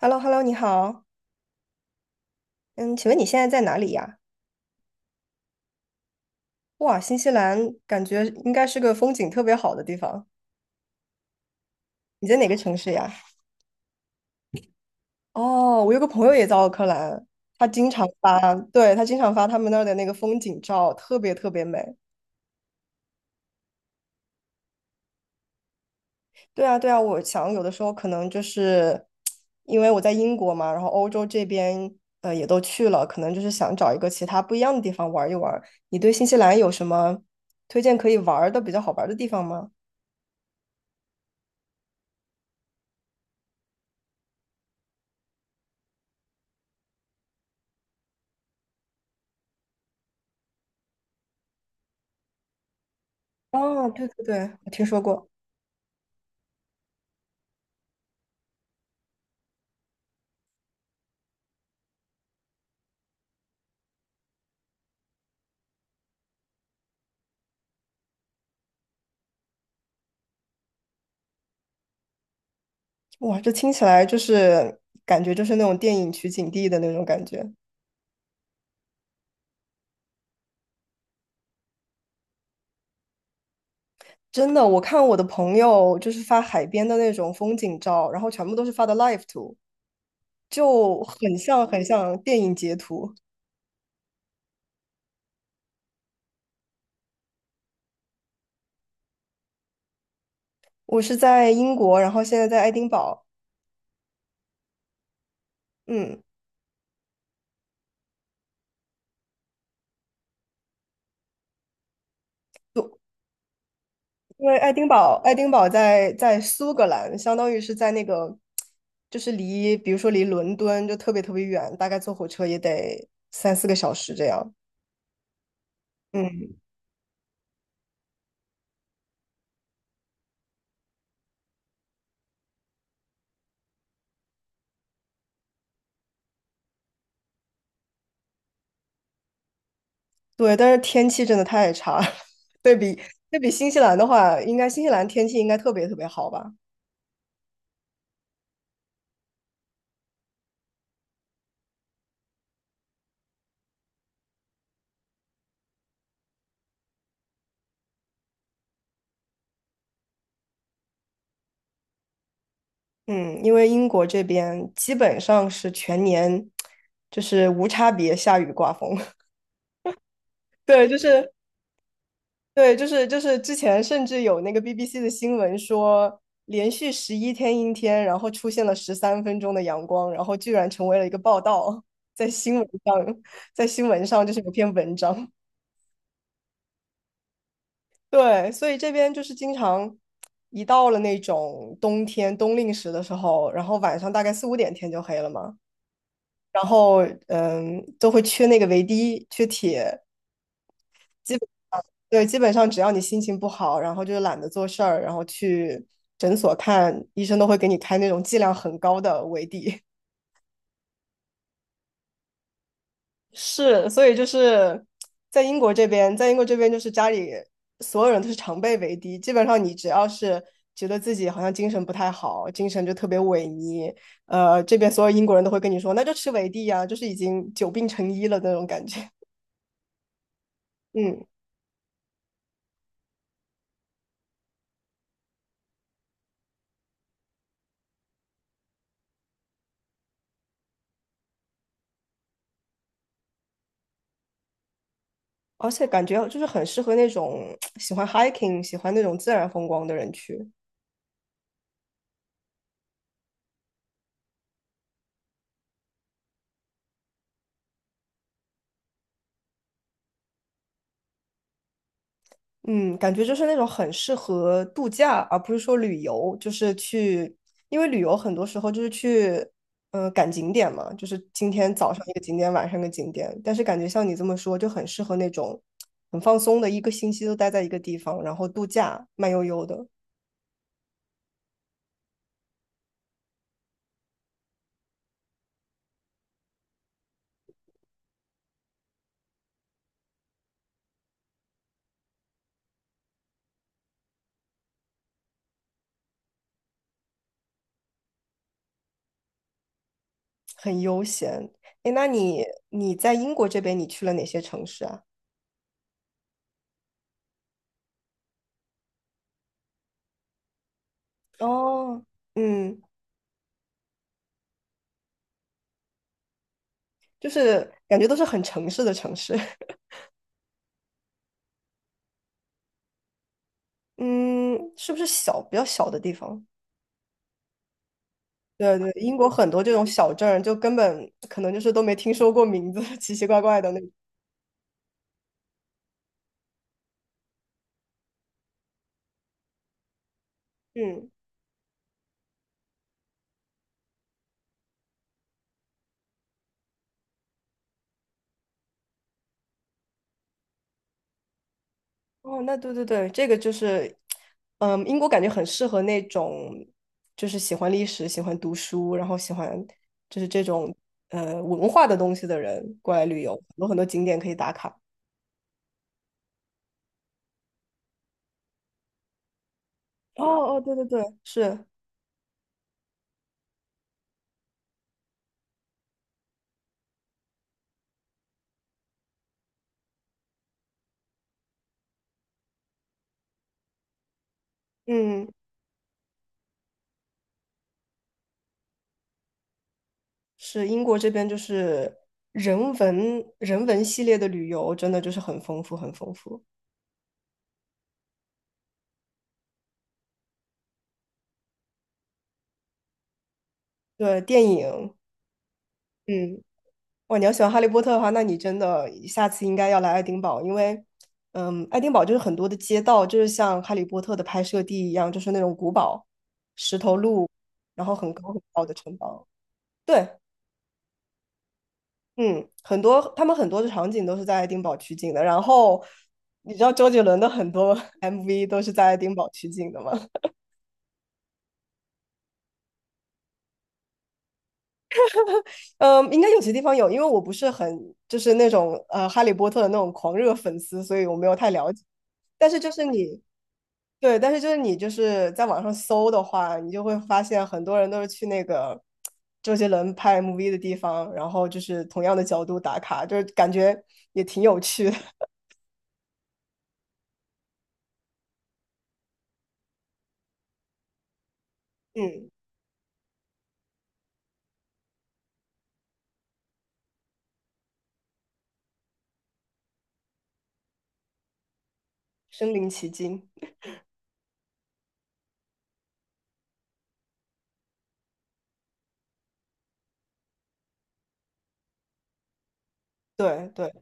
h e l l o h e l l o 你好。嗯，请问你现在在哪里呀？哇，新西兰感觉应该是个风景特别好的地方。你在哪个城市呀？哦，我有个朋友也在奥克兰，他经常发，对，他经常发他们那儿的那个风景照，特别特别美。对啊，对啊，我想有的时候可能就是因为我在英国嘛，然后欧洲这边也都去了，可能就是想找一个其他不一样的地方玩一玩。你对新西兰有什么推荐可以玩儿的比较好玩儿的地方吗？哦，对对对，我听说过。哇，这听起来就是感觉就是那种电影取景地的那种感觉。真的，我看我的朋友就是发海边的那种风景照，然后全部都是发的 live 图，就很像很像电影截图。我是在英国，然后现在在爱丁堡，嗯，就因为爱丁堡，爱丁堡在苏格兰，相当于是在那个，就是离，比如说离伦敦就特别特别远，大概坐火车也得三四个小时这样。嗯。对，但是天气真的太差了，对比对比新西兰的话，应该新西兰天气应该特别特别好吧？嗯，因为英国这边基本上是全年就是无差别下雨刮风，对，就是之前甚至有那个 BBC 的新闻说，连续11天阴天，然后出现了13分钟的阳光，然后居然成为了一个报道，在新闻上，在新闻上就是有篇文章。对，所以这边就是经常一到了那种冬天冬令时的时候，然后晚上大概4、5点天就黑了嘛，然后嗯，都会缺那个维 D，缺铁。对，基本上只要你心情不好，然后就懒得做事儿，然后去诊所看医生，都会给你开那种剂量很高的维 D 是，所以就是在英国这边就是家里所有人都是常备维 D，基本上你只要是觉得自己好像精神不太好，精神就特别萎靡，这边所有英国人都会跟你说，那就吃维 D 呀，就是已经久病成医了那种感觉。嗯，而且感觉就是很适合那种喜欢 hiking、喜欢那种自然风光的人去。嗯，感觉就是那种很适合度假，而不是说旅游，就是去，因为旅游很多时候就是去，赶景点嘛，就是今天早上一个景点，晚上一个景点。但是感觉像你这么说，就很适合那种很放松的，一个星期都待在一个地方，然后度假，慢悠悠的，很悠闲。诶，那你在英国这边，你去了哪些城市啊？哦，嗯，就是感觉都是很城市的城市，嗯，是不是小，比较小的地方？对对，英国很多这种小镇儿就根本可能就是都没听说过名字，奇奇怪怪的那种。嗯，哦，那对对对，这个就是，嗯，英国感觉很适合那种，就是喜欢历史、喜欢读书，然后喜欢就是这种文化的东西的人过来旅游，有很多景点可以打卡。哦哦，对对对，是，嗯，是英国这边就是人文系列的旅游，真的就是很丰富，很丰富。对，电影，嗯。哇，你要喜欢哈利波特的话，那你真的下次应该要来爱丁堡，因为，嗯，爱丁堡就是很多的街道，就是像哈利波特的拍摄地一样，就是那种古堡、石头路，然后很高很高的城堡。对，嗯，他们很多的场景都是在爱丁堡取景的。然后，你知道周杰伦的很多 MV 都是在爱丁堡取景的吗？嗯，应该有些地方有，因为我不是很就是那种哈利波特的那种狂热粉丝，所以我没有太了解。但是就是你。对，但是就是你就是在网上搜的话，你就会发现很多人都是去那个周杰伦拍 MV 的地方，然后就是同样的角度打卡，就是感觉也挺有趣的。嗯，身临其境。对对。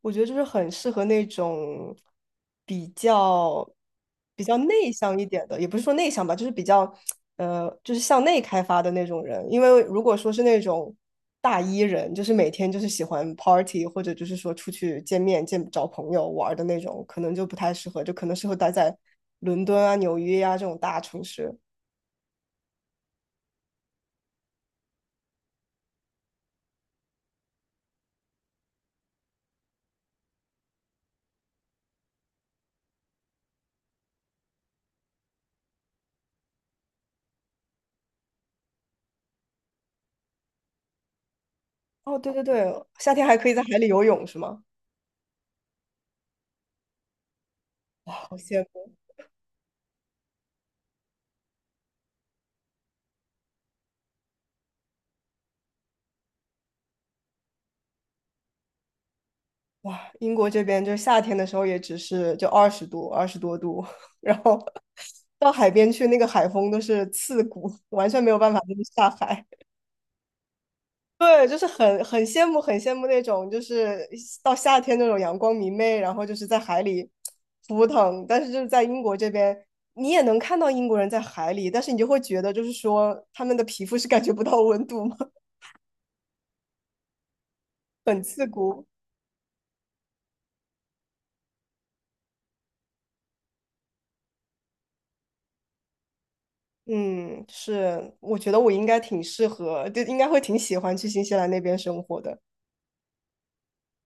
我觉得就是很适合那种比较比较内向一点的，也不是说内向吧，就是比较就是向内开发的那种人。因为如果说是那种大 E 人，就是每天就是喜欢 party 或者就是说出去见面、见找朋友玩儿的那种，可能就不太适合，就可能适合待在伦敦啊、纽约啊这种大城市。哦，对对对，夏天还可以在海里游泳，是吗？好羡慕。哇，英国这边就夏天的时候也只是就20度、20多度，然后到海边去，那个海风都是刺骨，完全没有办法就是下海。对，就是很羡慕那种就是到夏天那种阳光明媚，然后就是在海里扑腾。但是就是在英国这边，你也能看到英国人在海里，但是你就会觉得就是说他们的皮肤是感觉不到温度吗？很刺骨。嗯，是，我觉得我应该挺适合，就应该会挺喜欢去新西兰那边生活的。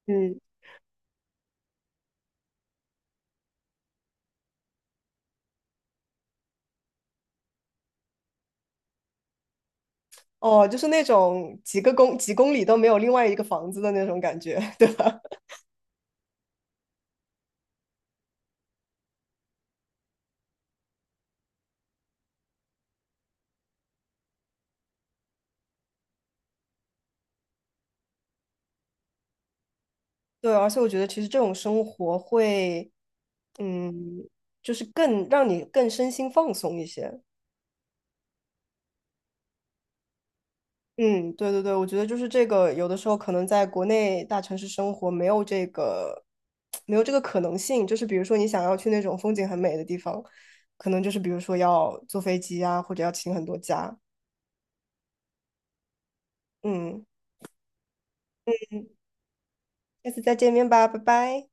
嗯，哦，就是那种几公里都没有另外一个房子的那种感觉，对吧？对，而且我觉得其实这种生活会，嗯，就是更让你更身心放松一些。嗯，对对对，我觉得就是这个，有的时候可能在国内大城市生活没有这个，没有这个可能性。就是比如说你想要去那种风景很美的地方，可能就是比如说要坐飞机啊，或者要请很多假。嗯，嗯，下次再见面吧，拜拜。